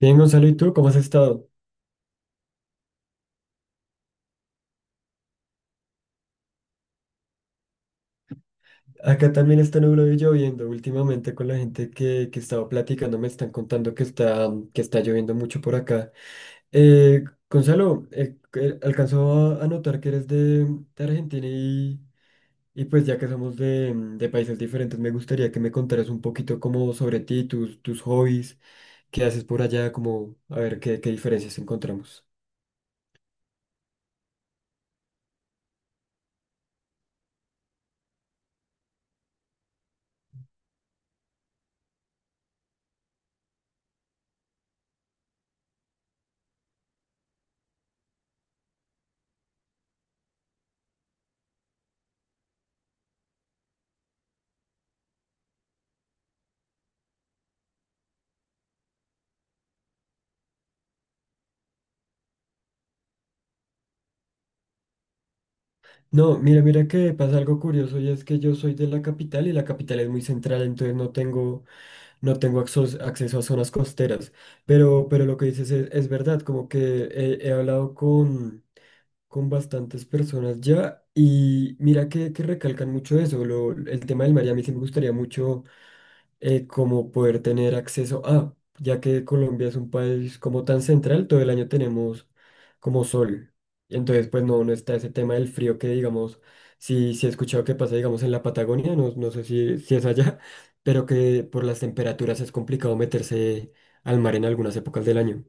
Bien, Gonzalo, ¿y tú cómo has estado? Acá también está nublado y lloviendo. Últimamente con la gente que estaba platicando me están contando que que está lloviendo mucho por acá. Gonzalo, alcanzó a notar que eres de Argentina y pues ya que somos de de países diferentes, me gustaría que me contaras un poquito como sobre ti, tus hobbies, qué haces por allá, como a ver qué diferencias encontramos. No, mira, mira que pasa algo curioso y es que yo soy de la capital y la capital es muy central, entonces no tengo acceso a zonas costeras. Pero lo que dices es verdad, como que he hablado con bastantes personas ya y mira que recalcan mucho eso, el tema del mar y a mí sí me gustaría mucho como poder tener acceso a, ya que Colombia es un país como tan central, todo el año tenemos como sol. Entonces, pues no está ese tema del frío que digamos, si he escuchado que pasa, digamos, en la Patagonia, no sé si es allá, pero que por las temperaturas es complicado meterse al mar en algunas épocas del año.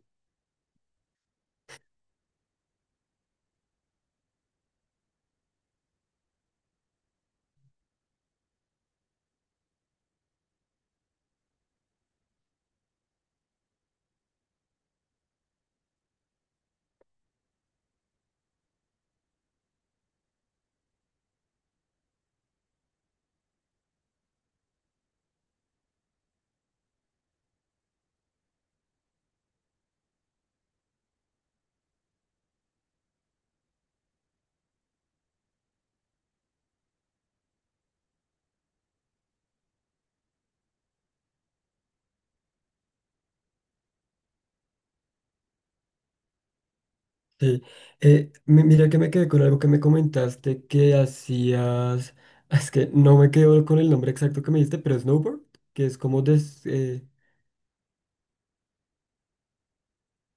Sí. Mira que me quedé con algo que me comentaste que hacías, es que no me quedo con el nombre exacto que me diste, pero snowboard, que es como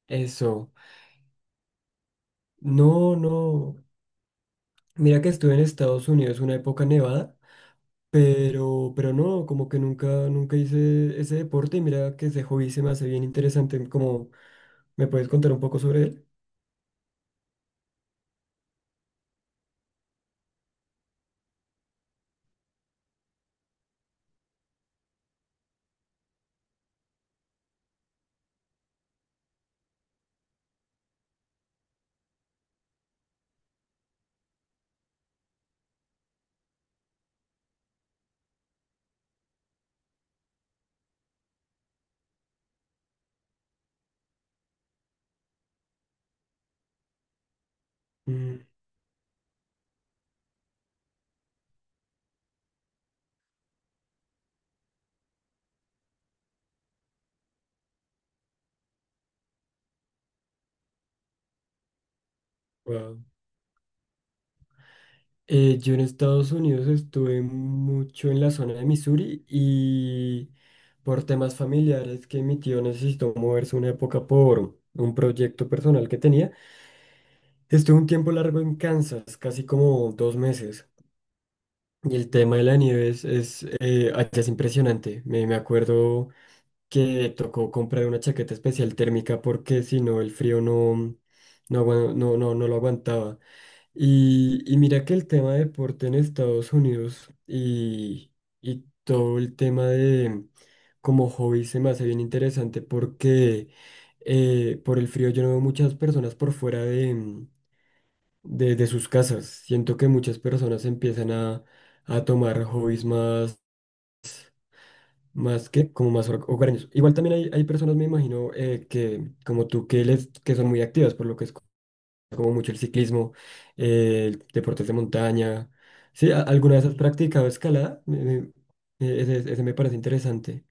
eso. No, no. Mira que estuve en Estados Unidos una época nevada, pero no, como que nunca hice ese deporte y mira que ese hobby se me hace bien interesante. Como, ¿me puedes contar un poco sobre él? Mm, wow. Yo en Estados Unidos estuve mucho en la zona de Missouri y por temas familiares que mi tío necesitó moverse una época por un proyecto personal que tenía. Estuve un tiempo largo en Kansas, casi como 2 meses, y el tema de la nieve allá es impresionante. Me acuerdo que tocó comprar una chaqueta especial térmica porque si no el frío no, no, agua- no, no, no lo aguantaba. Y mira que el tema de deporte en Estados Unidos y todo el tema de como hobby se me hace bien interesante porque por el frío yo no veo muchas personas por fuera de sus casas. Siento que muchas personas empiezan a tomar hobbies más, más que como más hogareños. Igual también hay personas, me imagino, que como tú, que son muy activas, por lo que es como mucho el ciclismo, el deportes de montaña. Sí, ¿alguna vez has practicado escalada? Ese, ese me parece interesante.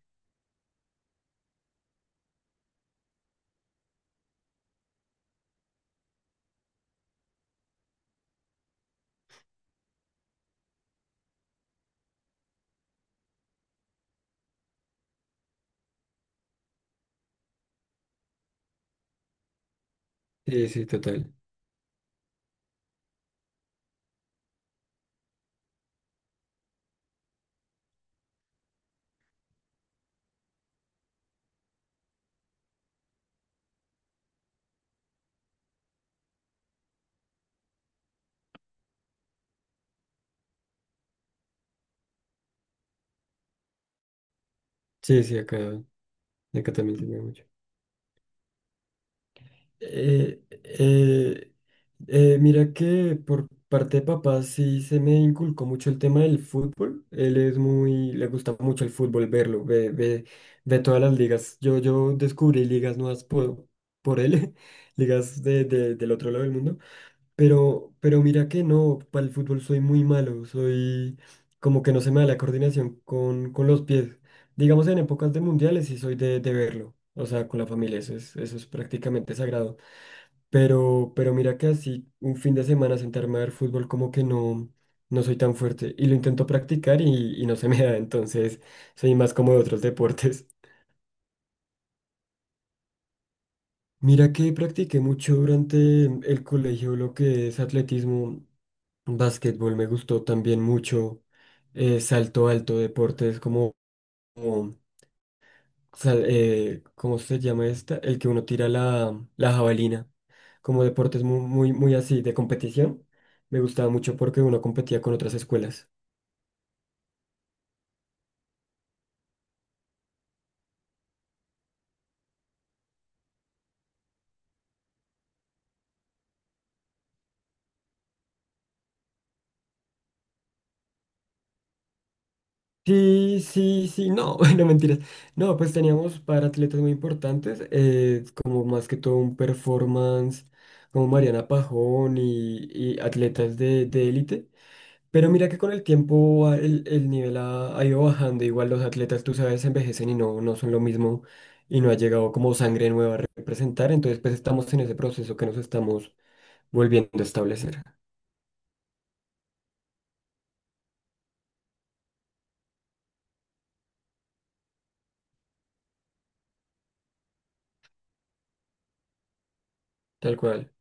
Sí, sí, total. Sí, sí, acá, acá también se ve mucho. Eh, eh, mira que por parte de papá sí se me inculcó mucho el tema del fútbol. Él es muy, le gusta mucho el fútbol, verlo, ve todas las ligas. Yo descubrí ligas nuevas por él, ligas de, del otro lado del mundo. Pero mira que no, para el fútbol soy muy malo, soy como que no se me da la coordinación con los pies. Digamos en épocas de mundiales sí soy de verlo, o sea, con la familia, eso es prácticamente sagrado. Pero mira que así un fin de semana sentarme a ver fútbol como que no, no soy tan fuerte. Y lo intento practicar y no se me da, entonces soy más como de otros deportes. Mira que practiqué mucho durante el colegio lo que es atletismo, básquetbol, me gustó también mucho, salto alto, deportes como ¿cómo se llama esta? El que uno tira la jabalina. Como deportes muy, muy, muy así, de competición. Me gustaba mucho porque uno competía con otras escuelas. Sí, sí, sí, no, no mentiras. No, pues teníamos para atletas muy importantes, como más que todo un performance, como Mariana Pajón y atletas de élite. Pero mira que con el tiempo el nivel ha ido bajando. Igual los atletas, tú sabes, envejecen y no son lo mismo y no ha llegado como sangre nueva a representar. Entonces, pues estamos en ese proceso que nos estamos volviendo a establecer. Tal cual.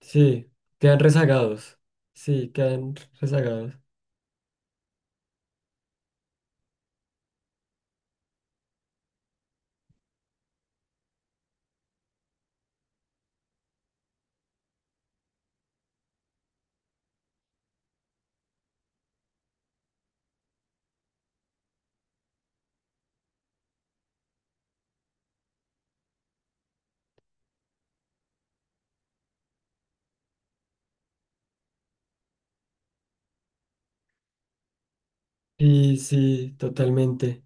Sí, quedan rezagados. Sí, quedan rezagados. Sí, sí, totalmente.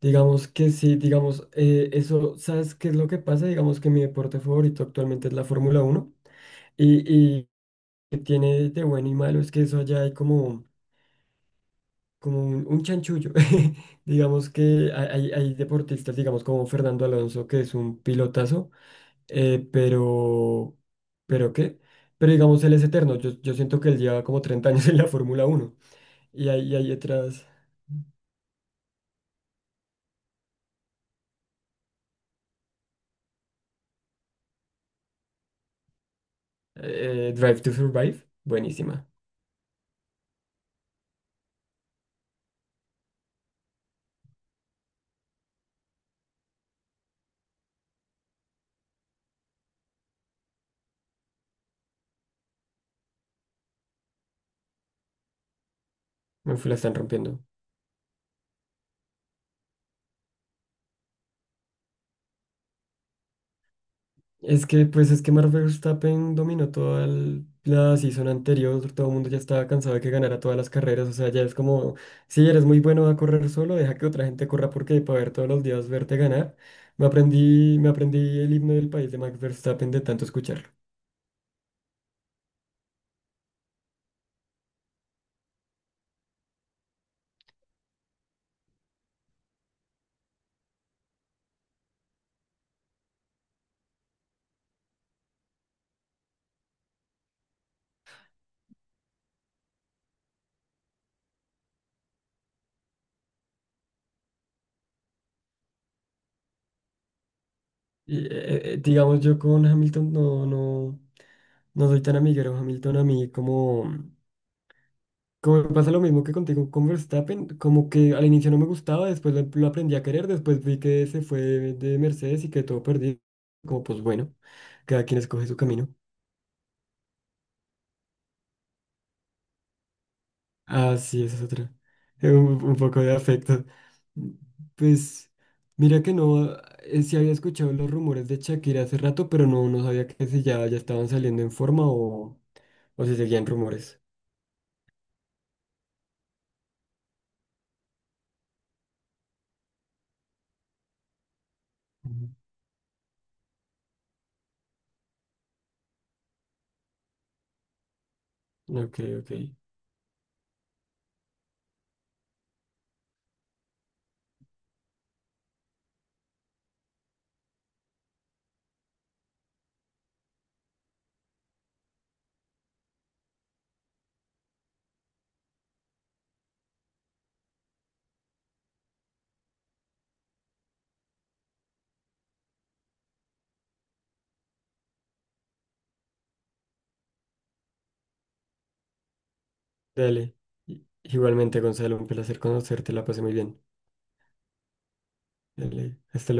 Digamos que sí, digamos, eso, ¿sabes qué es lo que pasa? Digamos que mi deporte favorito actualmente es la Fórmula uno y que tiene de bueno y malo es que eso allá hay como, como un chanchullo. Digamos que hay deportistas, digamos como Fernando Alonso, que es un pilotazo, eh, pero, ¿pero qué? Pero digamos, él es eterno. Yo siento que él lleva como 30 años en la Fórmula Uno. Y hay otras, Drive to Survive, buenísima. Me la están rompiendo. Es que, pues es que Max Verstappen dominó toda la season anterior, todo el mundo ya estaba cansado de que ganara todas las carreras, o sea, ya es como, si eres muy bueno a correr solo, deja que otra gente corra porque para ver todos los días verte ganar, me aprendí el himno del país de Max Verstappen de tanto escucharlo. Y, digamos, yo con Hamilton no soy tan amiguero, Hamilton a mí como... Como me pasa lo mismo que contigo con Verstappen, como que al inicio no me gustaba, después lo aprendí a querer, después vi que se fue de Mercedes y que todo perdido. Como pues bueno, cada quien escoge su camino. Ah, sí, esa es otra. Un poco de afecto. Pues mira que no, sí había escuchado los rumores de Shakira hace rato, pero no, no sabía que si ya, ya estaban saliendo en forma o si seguían rumores. Ujú. Ok, ok. Dale. Igualmente, Gonzalo, un placer conocerte, la pasé muy bien. De ley. Hasta luego.